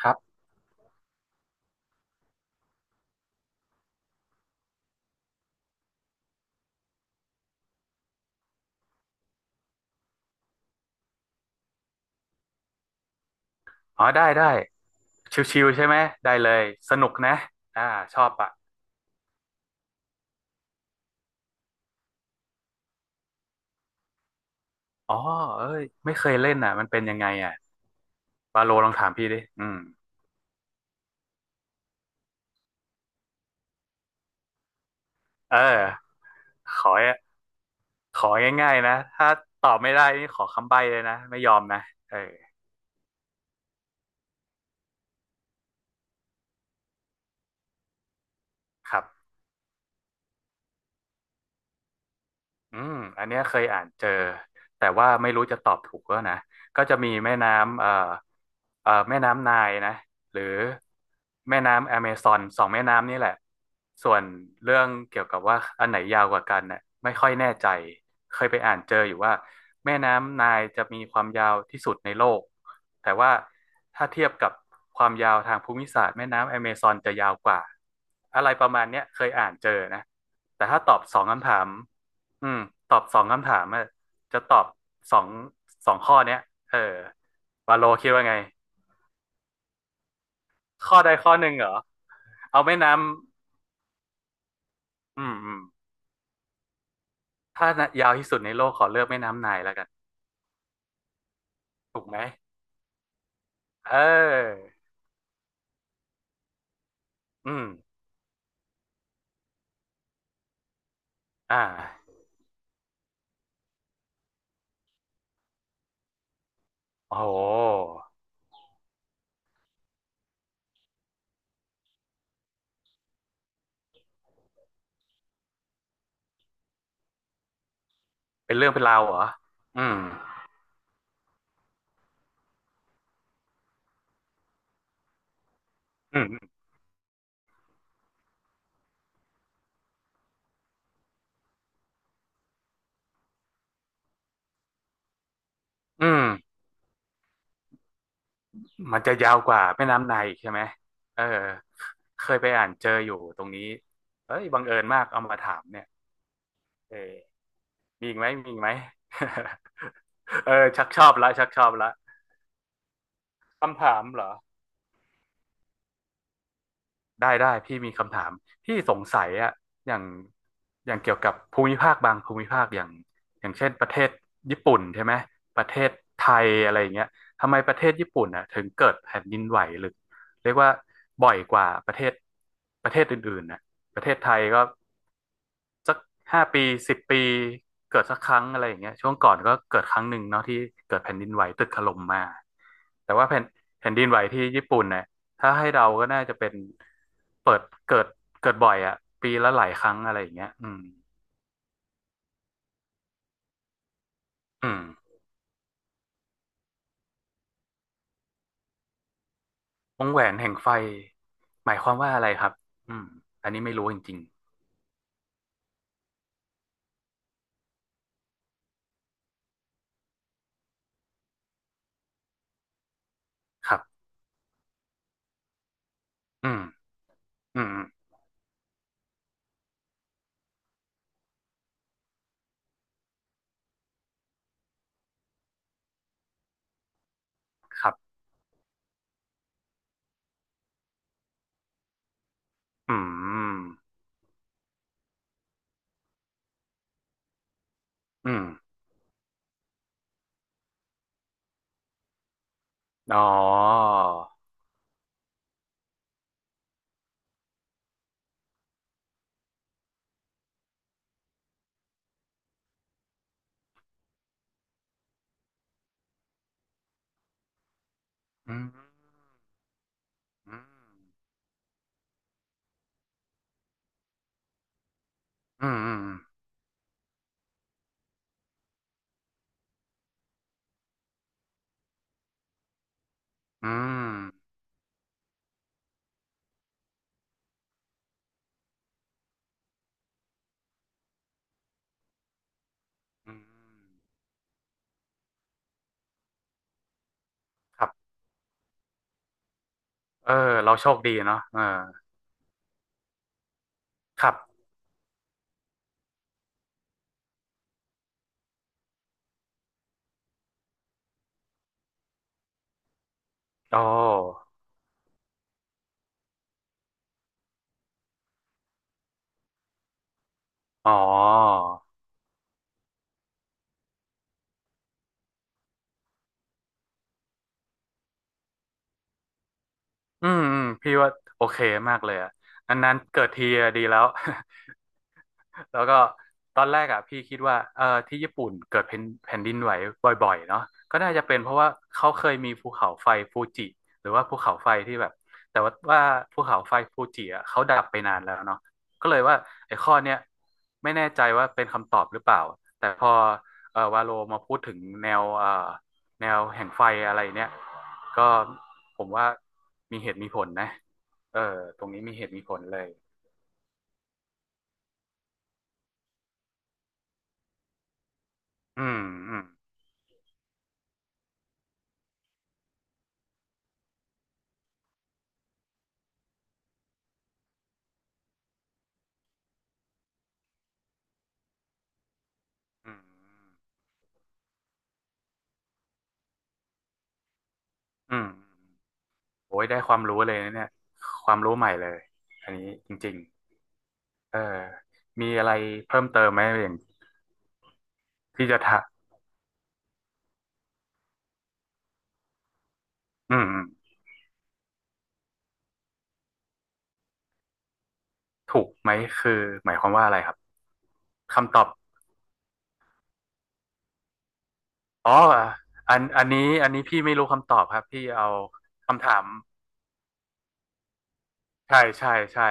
ครับอ๋อได้ได้ชิวๆใช่ไหมได้เลยสนุกนะอ่าชอบอ่ะอ๋อเอ้ยไม่เคยเล่นอ่ะมันเป็นยังไงอ่ะบาโลลองถามพี่ดิอืมเออขอของ่ายๆนะถ้าตอบไม่ได้นี่ขอคำใบ้เลยนะไม่ยอมนะเออครับ อืม อันเนี้ยเคยอ่านเจอ แต่ว่าไม่รู้จะตอบถูกแล้วนะก็จะมีแม่น้ำแม่น้ำไนล์นะหรือแม่น้ำแอเมซอนสองแม่น้ำนี่แหละส่วนเรื่องเกี่ยวกับว่าอันไหนยาวกว่ากันน่ะไม่ค่อยแน่ใจ เคยไปอ่านเจออยู่ว่าแม่น้ำไนล์จะมีความยาวที่สุดในโลก แต่ว่าถ้าเทียบกับความยาวทางภูมิศาสตร์แม่น้ำแอเมซอนจะยาวกว่าอะไรประมาณเนี้ยเคยอ่านเจอนะแต่ถ้าตอบสองคำถาม อืมตอบสองคำถามอะจะตอบสองสองข้อเนี้ยเออวาโลคิดว่าไงข้อใดข้อหนึ่งเหรอเอาแม่น้ำอืมอืมถ้ายาวที่สุดในโลกขอเลือกแม่น้ำไนล์แล้วกันถูกไหมเอออืมอ่าโอ้โหเป็นเรื่องเป็นราวเหรออืมอืมอืมมันจะยาวกว่าแม่น้ำไนล์อีกใช่ไหมเออเคยไปอ่านเจออยู่ตรงนี้เอ้ยบังเอิญมากเอามาถามเนี่ยเออ มีอีกไหมมีอีกไหม เออชักชอบละชักชอบละคำถามเหรอได้ได้พี่มีคำถามพี่สงสัยอะอย่างอย่างเกี่ยวกับภูมิภาคบางภูมิภาคอย่างอย่างเช่นประเทศญี่ปุ่นใช่ไหมประเทศไทยอะไรอย่างเงี้ยทำไมประเทศญี่ปุ่นอะถึงเกิดแผ่นดินไหวหรือเรียกว่าบ่อยกว่าประเทศอื่นๆน่ะประเทศไทยก็ ห้าปีสิบปีเกิดสักครั้งอะไรอย่างเงี้ยช่วงก่อนก็เกิดครั้งหนึ่งเนาะที่เกิดแผ่นดินไหวตึกถล่มมาแต่ว่าแผ่นดินไหวที่ญี่ปุ่นเนี่ยถ้าให้เดาก็น่าจะเป็นเปิดเกิดเกิดบ่อยอะปีละหลายครั้งอะไรอย่างเงี้ยอืมอืมวงแหวนแห่งไฟหมายความว่าอะไรครับอืมอันนี้ไม่รู้จริงๆครับอืมอืมครับอืมอืมอ๋ออืมอืมอืมอืมอืม ครับเออเราโชคดีเนาะเออครับโอ้อ๋ออืมอืมพี่ว่าโอเคมากเลยอ่ะนานๆเกิดทีอะดีแล้ว แล้วก็ตอนแรกอ่ะพี่คิดว่าเออที่ญี่ปุ่นเกิดแผ่นดินไหวบ่อยๆเนาะก็น่าจะเป็นเพราะว่าเขาเคยมีภูเขาไฟฟูจิหรือว่าภูเขาไฟที่แบบแต่ว่าภูเขาไฟฟูจิอ่ะเขาดับไปนานแล้วเนาะก็เลยว่าไอ้ข้อเนี้ยไม่แน่ใจว่าเป็นคำตอบหรือเปล่าแต่พอเออวาโลมาพูดถึงแนวเออแนวแห่งไฟอะไรเนี้ยก็ผมว่ามีเหตุมีผลนะเออตรงนี้มีเหตุมีผลเลยอืมอืมอืม อืมโอ้ยได้ความรู้เลยนะเนี่ยความรู้ใหม่เลยอันนี้จริงๆเออมีอะไรเพิ่มเติมไหมอย่างที่จะถามอืมอืมถูกไหมคือหมายความว่าอะไรครับคำตอบอ๋ออันนี้พี่ไม่รู้คำตอบครับพี่เอาคำถามใช่ใช่ใช่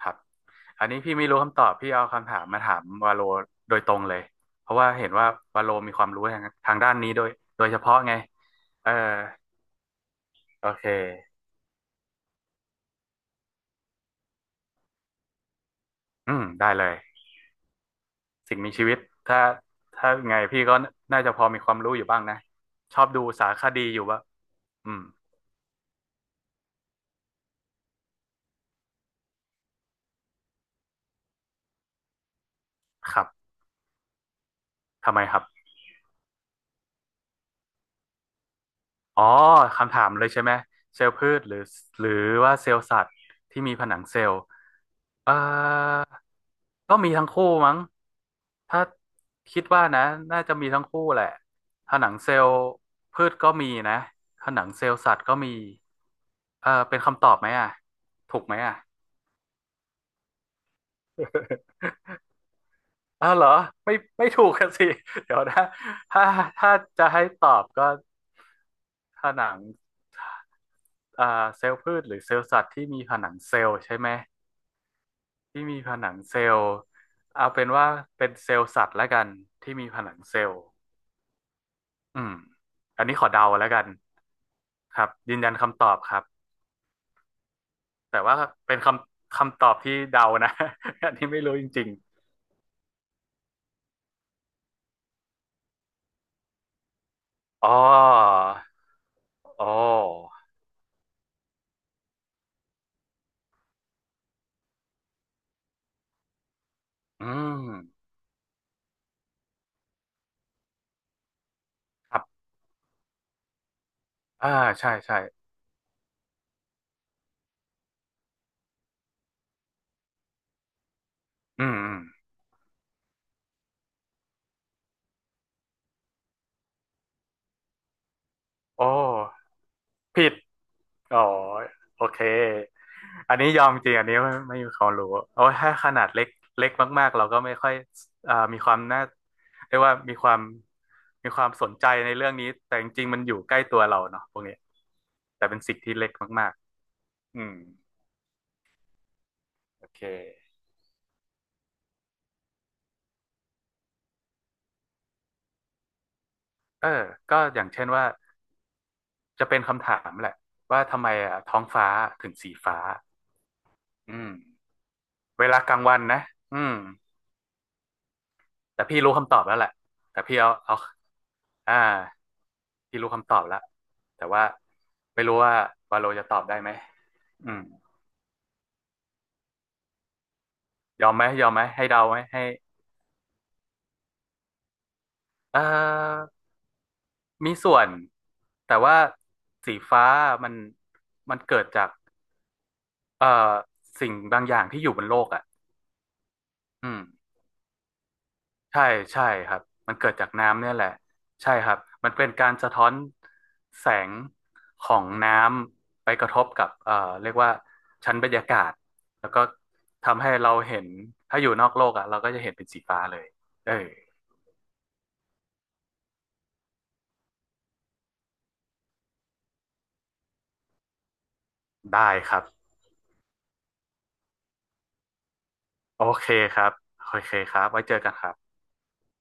ครับอันนี้พี่ไม่รู้คำตอบพี่เอาคำถามมาถามวาโลโดยตรงเลยเพราะว่าเห็นว่าวาโลมีความรู้ทางด้านนี้โดยเฉพาะไงเออโอเคอืมได้เลย สิ่งมีชีวิตถ้าถ้าไงพี่ก็น่าจะพอมีความรู้อยู่บ้างนะชอบดูสารคดีอยู่ว่าอืมครับทำไมครับอ๋อคำถามเลยใช่ไหมเซลล์พืชหรือหรือว่าเซลล์สัตว์ที่มีผนังเซลล์เอ่อก็มีทั้งคู่มั้งถ้าคิดว่านะน่าจะมีทั้งคู่แหละผนังเซลล์พืชก็มีนะผนังเซลล์สัตว์ก็มีเออเป็นคำตอบไหมอ่ะถูกไหมอ่ะ อ้าวเหรอไม่ไม่ถูกกันสิ เดี๋ยวนะถ้าถ้าจะให้ตอบก็ผนังอ่าเซลล์พืชหรือเซลล์สัตว์ที่มีผนังเซลล์ใช่ไหมที่มีผนังเซลล์เอาเป็นว่าเป็นเซลล์สัตว์แล้วกันที่มีผนังเซลล์อืมอันนี้ขอเดาแล้วกันครับยืนยันคำตอบครับแต่ว่าเป็นคำตอบที่เดานะ อันนี้ไม่รู้จริงๆอ๋ออ๋ออืมครับอ่าใช่ใช่อืมอืมโอ้ ผิดอ๋อโอเค อันนี้ยอมจริง อันนี้ไม่ไม่มีความรู้โอ้ถ้าขนาดเล็กเล็กมากๆ เราก็ไม่ค่อยมีความน่าเรียกว่ามีความสนใจในเรื่องนี้ แต่จริงๆ มันอยู่ใกล้ตัวเราเนาะพวกนี้แต่เป็นสิ่งที่เล็กมากๆ อืม โอเคเออก็อย่างเช่นว่าจะเป็นคำถามแหละว่าทำไมอ่ะท้องฟ้าถึงสีฟ้าอืมเวลากลางวันนะอืม แต่พี่รู้คำตอบแล้วแหละแต่พี่เอาเอาอ่าพี่รู้คำตอบแล้วแต่ว่าไม่รู้ว่าวาโลจะตอบได้ไหมอืมยอมไหมยอมไหมให้เดาไหมให้เอ่อมีส่วนแต่ว่าสีฟ้ามันมันเกิดจากเอ่อสิ่งบางอย่างที่อยู่บนโลกอ่ะอืม ใช่ใช่ครับมันเกิดจากน้ำเนี่ยแหละใช่ครับมันเป็นการสะท้อนแสงของน้ำไปกระทบกับเรียกว่าชั้นบรรยากาศแล้วก็ทำให้เราเห็นถ้าอยู่นอกโลกอ่ะเราก็จะเห็นเป็นสีฟ้าเลยเออได้ครับโอเคครับโอเคครับไว้เจอกันครับ